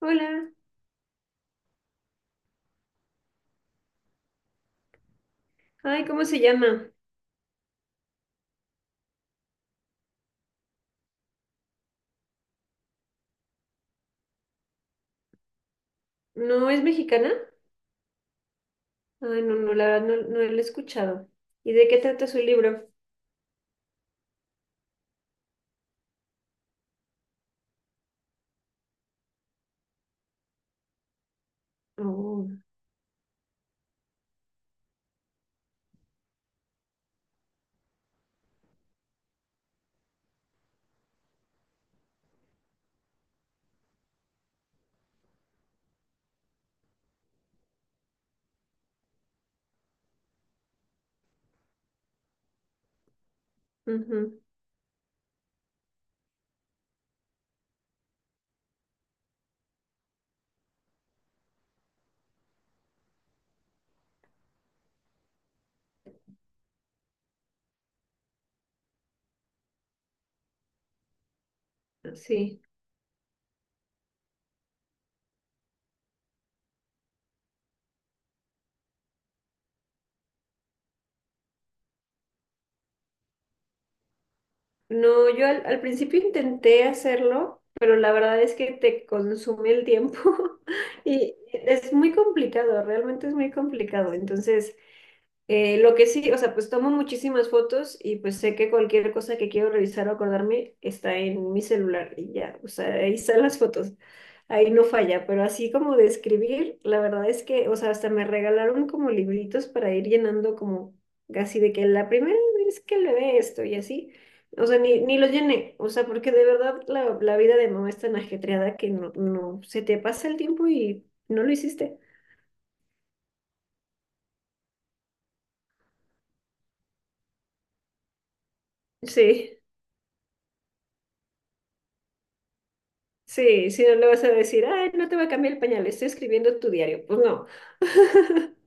Hola. Ay, ¿cómo se llama? ¿No es mexicana? Ay, no, la verdad no la he escuchado. ¿Y de qué trata su libro? Oh, ujú. Sí. No, yo al principio intenté hacerlo, pero la verdad es que te consume el tiempo y es muy complicado, realmente es muy complicado. Entonces, lo que sí, o sea, pues tomo muchísimas fotos y pues sé que cualquier cosa que quiero revisar o acordarme está en mi celular y ya, o sea, ahí están las fotos, ahí no falla, pero así como de escribir, la verdad es que, o sea, hasta me regalaron como libritos para ir llenando como casi de que la primera vez que le ve esto y así, o sea, ni lo llené, o sea, porque de verdad la vida de mamá es tan ajetreada que no, se te pasa el tiempo y no lo hiciste. Sí. Sí, si no le vas a decir, ay, no te va a cambiar el pañal, estoy escribiendo tu diario. Pues no.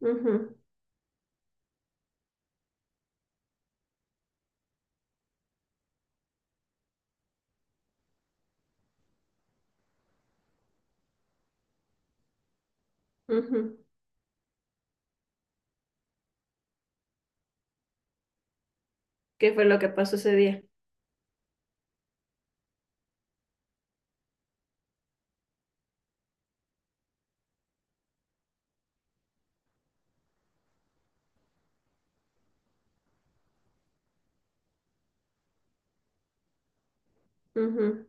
Ujú, ujú. ¿Qué fue lo que pasó ese día? Ujú.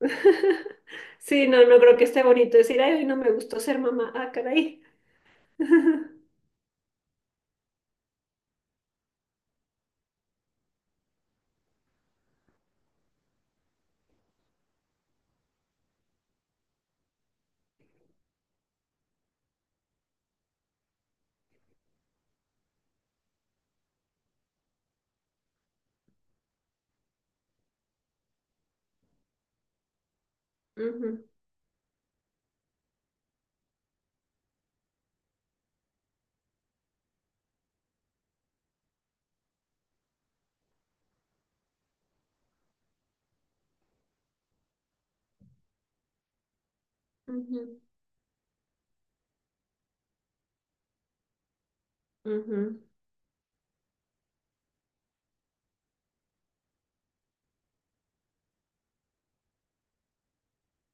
Sí, no, no creo que esté bonito decir, ay, hoy no me gustó ser mamá. Ah, caray. Ujú, ujú, ujú.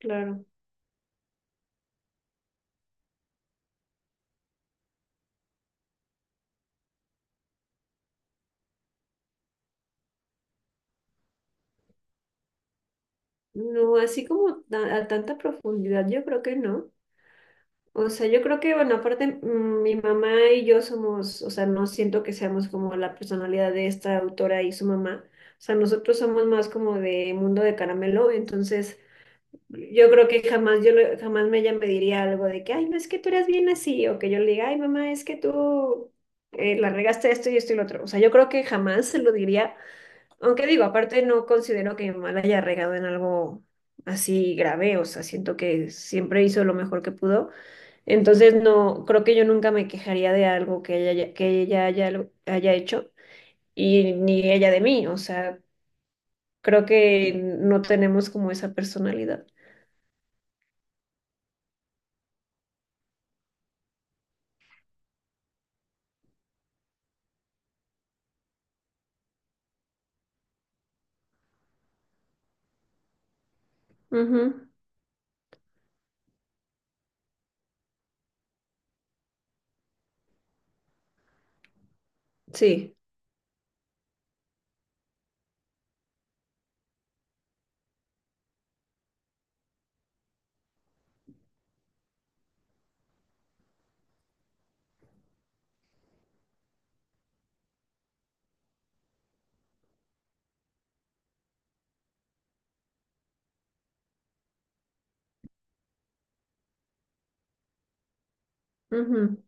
Claro. No, así como a tanta profundidad, yo creo que no. O sea, yo creo que, bueno, aparte, mi mamá y yo somos, o sea, no siento que seamos como la personalidad de esta autora y su mamá. O sea, nosotros somos más como de mundo de caramelo, entonces yo creo que jamás yo le- jamás me- ella me diría algo de que, ay, no es que tú eres bien así, o que yo le diga, ay, mamá, es que tú la regaste esto y esto y lo otro. O sea, yo creo que jamás se lo diría, aunque digo, aparte no considero que mi mamá la haya regado en algo así grave, o sea, siento que siempre hizo lo mejor que pudo. Entonces, no, creo que yo nunca me quejaría de algo que que ella haya hecho y ni ella de mí. O sea, creo que no tenemos como esa personalidad. Ujú. Sí. Ujú,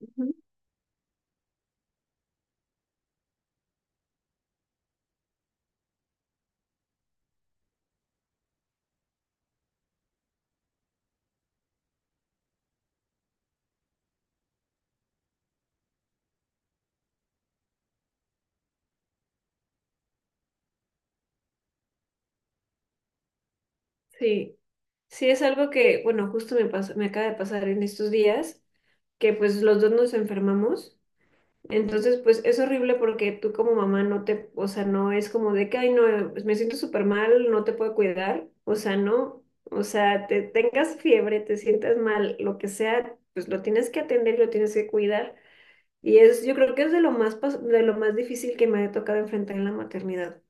ujú. Sí. Sí, es algo que, bueno, justo me acaba de pasar en estos días, que pues los dos nos enfermamos. Entonces, pues es horrible porque tú como mamá no te, o sea, no es como de que, ay, no, pues, me siento súper mal, no te puedo cuidar, o sea, no, o sea, te tengas fiebre, te sientas mal, lo que sea, pues lo tienes que atender, lo tienes que cuidar. Y es, yo creo que es de de lo más difícil que me ha tocado enfrentar en la maternidad.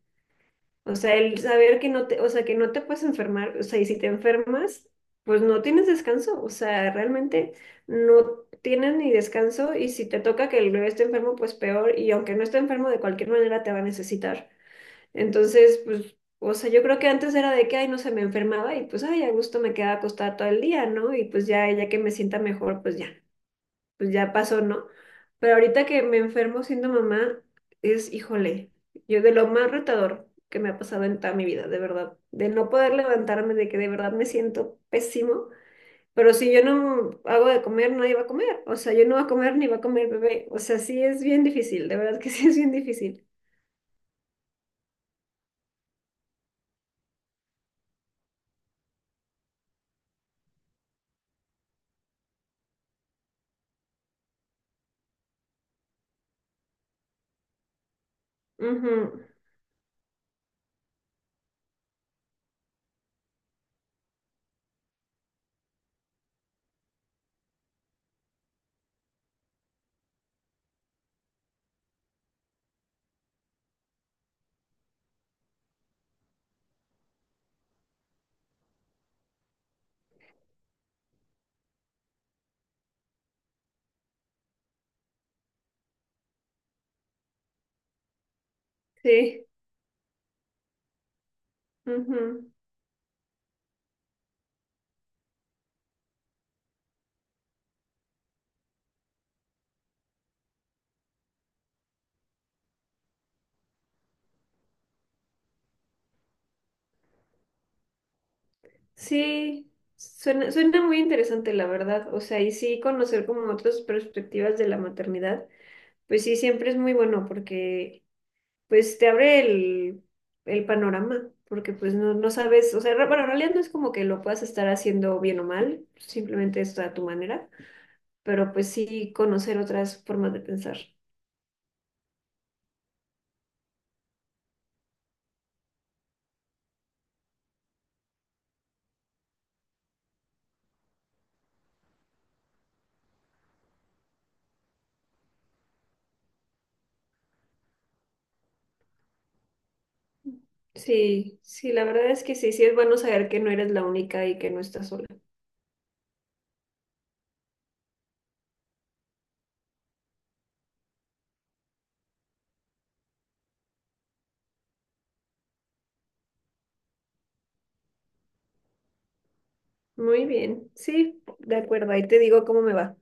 O sea, el saber que no te, o sea, que no te puedes enfermar, o sea, y si te enfermas, pues no tienes descanso, o sea, realmente no tienes ni descanso, y si te toca que el bebé esté enfermo, pues peor, y aunque no esté enfermo, de cualquier manera te va a necesitar. Entonces, pues, o sea, yo creo que antes era de que, ay, no se me enfermaba y pues, ay, a gusto me quedaba acostada todo el día, ¿no? Y pues ya, ya que me sienta mejor, pues ya, pues ya pasó, ¿no? Pero ahorita que me enfermo siendo mamá, es, híjole, yo de lo más retador que me ha pasado en toda mi vida, de verdad, de no poder levantarme, de que de verdad me siento pésimo, pero si yo no hago de comer, nadie va a comer, o sea, yo no voy a comer ni va a comer el bebé, o sea, sí es bien difícil, de verdad que sí es bien difícil. Ujú. Sí, ujú. Sí, suena, suena muy interesante, la verdad, o sea, y sí conocer como otras perspectivas de la maternidad. Pues sí, siempre es muy bueno porque pues te abre el panorama, porque pues no, no sabes, o sea, bueno, en realidad no es como que lo puedas estar haciendo bien o mal, simplemente está a tu manera, pero pues sí conocer otras formas de pensar. Sí, sí, la verdad es que sí, sí es bueno saber que no eres la única y que no estás sola. Muy bien, sí, de acuerdo, ahí te digo cómo me va.